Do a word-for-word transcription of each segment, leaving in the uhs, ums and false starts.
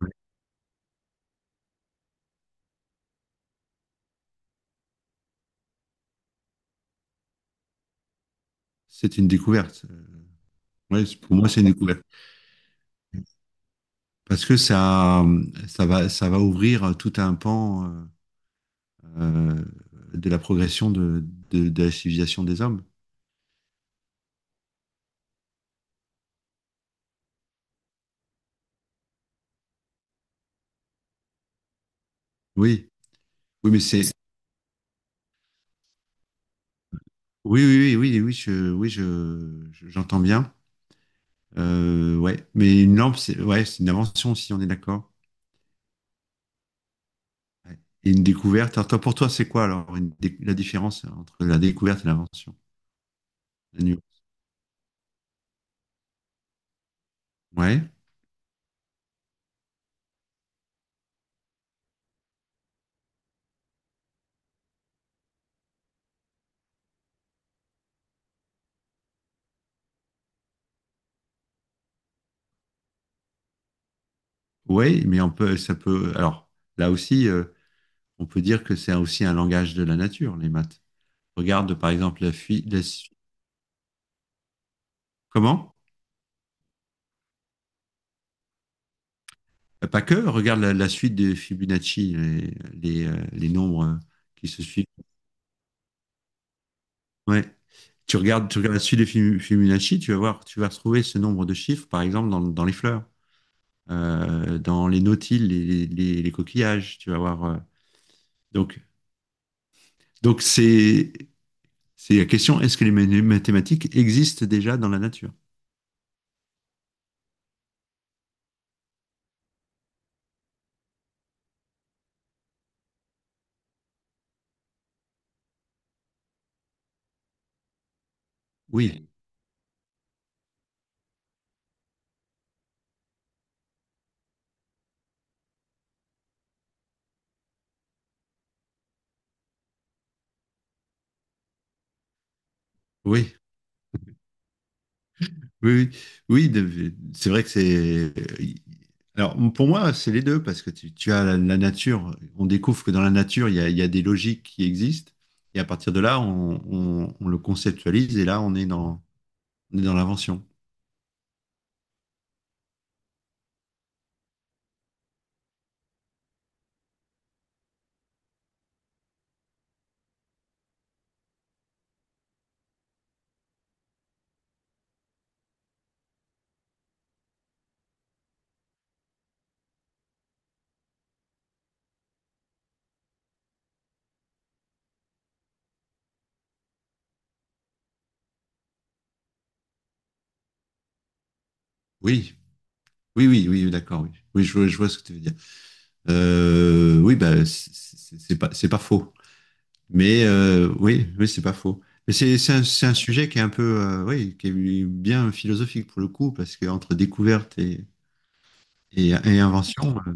Ouais. C'est une découverte. Euh, ouais, c'est- pour moi, c'est une découverte. Parce que ça, ça va, ça va ouvrir tout un pan euh, euh, de la progression de, de, de la civilisation des hommes. Oui, oui, mais c'est. Oui, oui, oui, oui, oui, je, oui, je, je- J'entends bien. Euh, ouais, mais une lampe, c'est ouais, c'est une invention, si on est d'accord. Ouais. Et une découverte. Alors, toi, pour toi, c'est quoi alors une dé- la différence entre la découverte et l'invention? La nuance. Ouais, ouais, mais on peut, ça peut. Alors, là aussi. Euh, on peut dire que c'est aussi un langage de la nature, les maths. Regarde par exemple la, fi- comment Euh, Pas que, regarde la, la suite de Fibonacci, les, les, euh, les nombres euh, qui se suivent. Ouais. Tu regardes, tu regardes la suite de Fi- Fibonacci, tu vas voir, tu vas retrouver ce nombre de chiffres, par exemple, dans, dans les fleurs, euh, dans les nautiles, les, les- les- les coquillages, tu vas voir. Euh. donc, Donc c'est, c'est la question: est-ce que les mané- mathématiques existent déjà dans la nature? Oui, oui, Oui, oui, oui, de- c'est vrai que c'est. Alors, pour moi, c'est les deux, parce que tu, tu as la, la nature. On découvre que dans la nature, il y a, il y a des logiques qui existent. Et à partir de là, on, on- on le conceptualise, et là, on est dans, on est dans l'invention. Oui, oui, oui, oui, oui, d'accord, oui. Oui, je, vois Je vois ce que tu veux dire. Euh, oui, bah, c'est c'est- c'est pas, c'est pas faux. Mais euh, oui, oui, c'est pas faux. Mais c'est c'est un, c'est un sujet qui est un peu, euh, oui, qui est bien philosophique pour le coup, parce que entre découverte et Et, et invention, euh,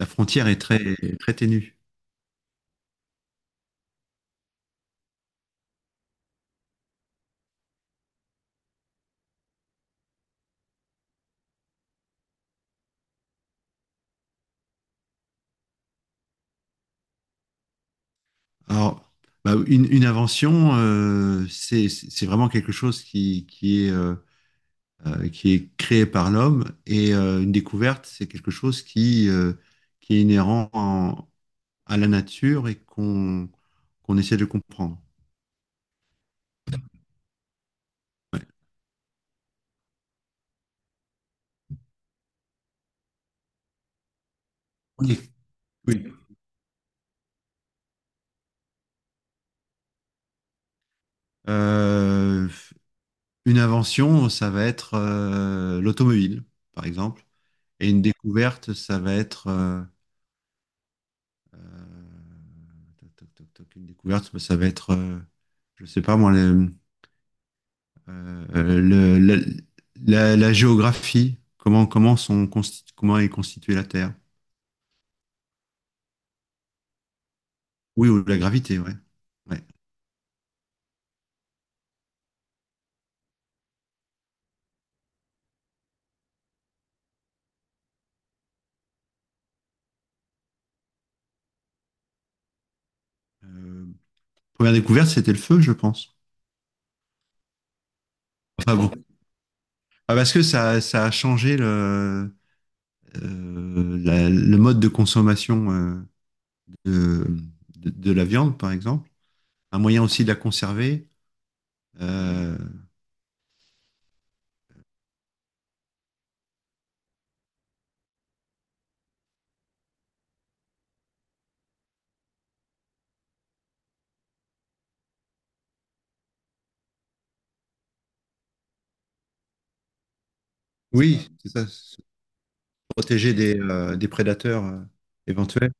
la frontière est très, très ténue. Alors, bah, une, une invention, euh, c'est c'est vraiment quelque chose qui, qui est, euh, euh, qui est créé par l'homme, et euh, une découverte, c'est quelque chose qui, euh, qui est inhérent en- à la nature et qu'on qu'on essaie de comprendre. Ouais. Oui. Oui. Euh, une invention, ça va être euh, l'automobile, par exemple. Et une découverte, ça va être euh, Euh, toc, toc, toc, toc, une découverte, bah, ça va être, euh, je sais pas moi, le- euh, euh, le- la, la- la géographie, comment, comment, sont constitu- comment est constituée la Terre. Oui, ou la gravité, ouais. Ouais. Euh, Première découverte, c'était le feu, je pense. Enfin bon. Ah, parce que ça, ça a changé le, euh, la- le mode de consommation euh, de, de, de la viande, par exemple. Un moyen aussi de la conserver. Euh, oui, c'est ça. Protéger des, euh, des prédateurs euh, éventuels.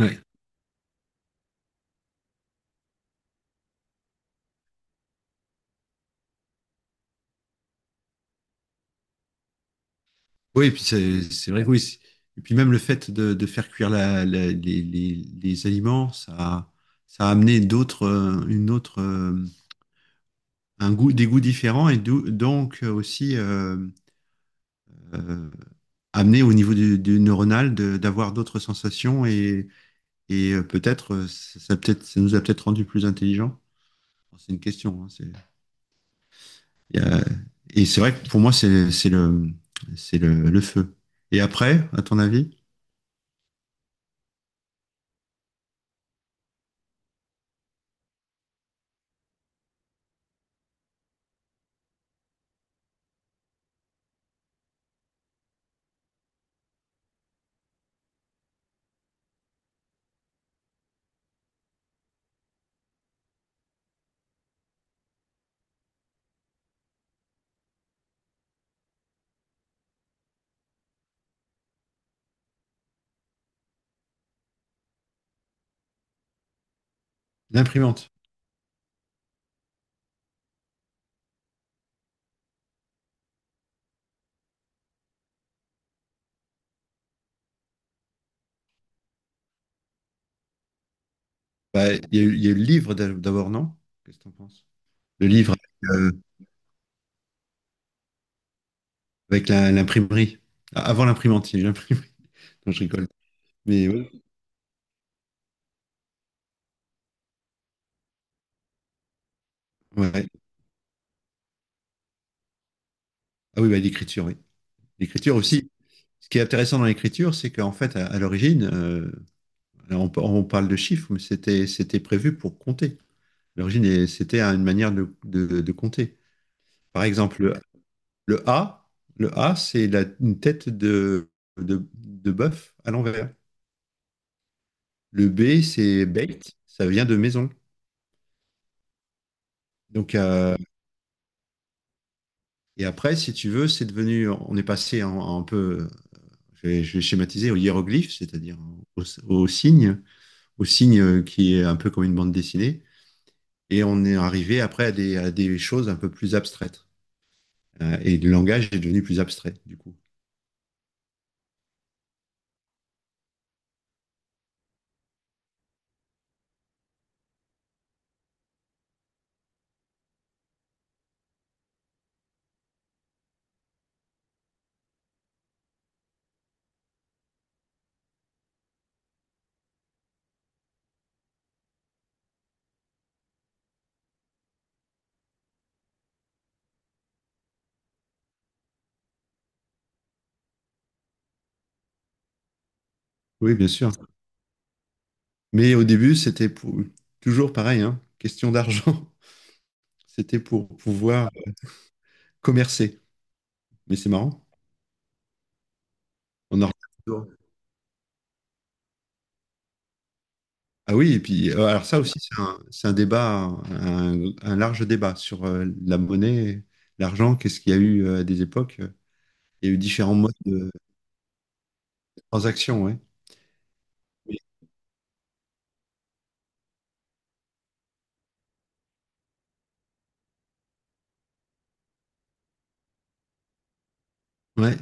Ouais. Oui, et puis c'est c'est vrai que oui. c'est- Et puis même le fait de, de faire cuire la- la- les, les- les aliments, ça, ça a amené d'autres, euh, une autre, euh, un goût, des goûts différents, et d'où- donc euh, aussi euh, euh, amené au niveau du, du neuronal de- d'avoir d'autres sensations, et, et euh, peut-être euh, ça, ça peut-être ça nous a peut-être rendu plus intelligents. Bon, c'est une question, hein, c'est y a- et c'est vrai que pour moi, c'est c'est le, c'est le, le feu. Et après, à ton avis, l'imprimante. Bah, il y a eu, il y a eu le livre d'a- d'abord, non? Qu'est-ce que t'en penses? Le livre avec, euh, avec la- l'imprimerie. Ah, avant l'imprimante, il y a eu l'imprimerie. Non, je rigole. Mais ouais. Ouais. Ah oui, bah, l'écriture, oui. L'écriture aussi. Ce qui est intéressant dans l'écriture, c'est qu'en fait, à, à l'origine, euh, alors on, pa- on parle de chiffres, mais c'était c'était prévu pour compter. À l'origine, et c'était une manière de, de- de compter. Par exemple, Le A, le A, c'est la- une tête de, de, de bœuf à l'envers. Le B, c'est bait, ça vient de maison. Donc, euh, et après, si tu veux, c'est devenu, on est passé en- en un peu, je vais, je vais schématiser, au hiéroglyphe, c'est-à-dire au, au signe, au signe qui est un peu comme une bande dessinée. Et on est arrivé après à des, à des choses un peu plus abstraites. Euh, et le langage est devenu plus abstrait, du coup. Oui, bien sûr. Mais au début, c'était pour- toujours pareil, hein, question d'argent. C'était pour pouvoir commercer. Mais c'est marrant. On en reparle. Ah oui, et puis euh, alors ça aussi, c'est un, c'est un débat, un, un large débat sur euh, la monnaie, l'argent, qu'est-ce qu'il y a eu euh, à des époques. euh, Il y a eu différents modes de transaction, ouais. Ouais.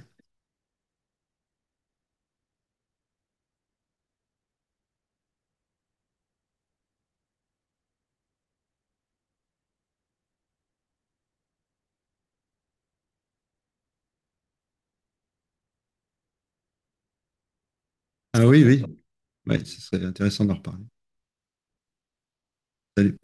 Ah oui, oui. Ouais, ce serait intéressant d'en reparler. Salut.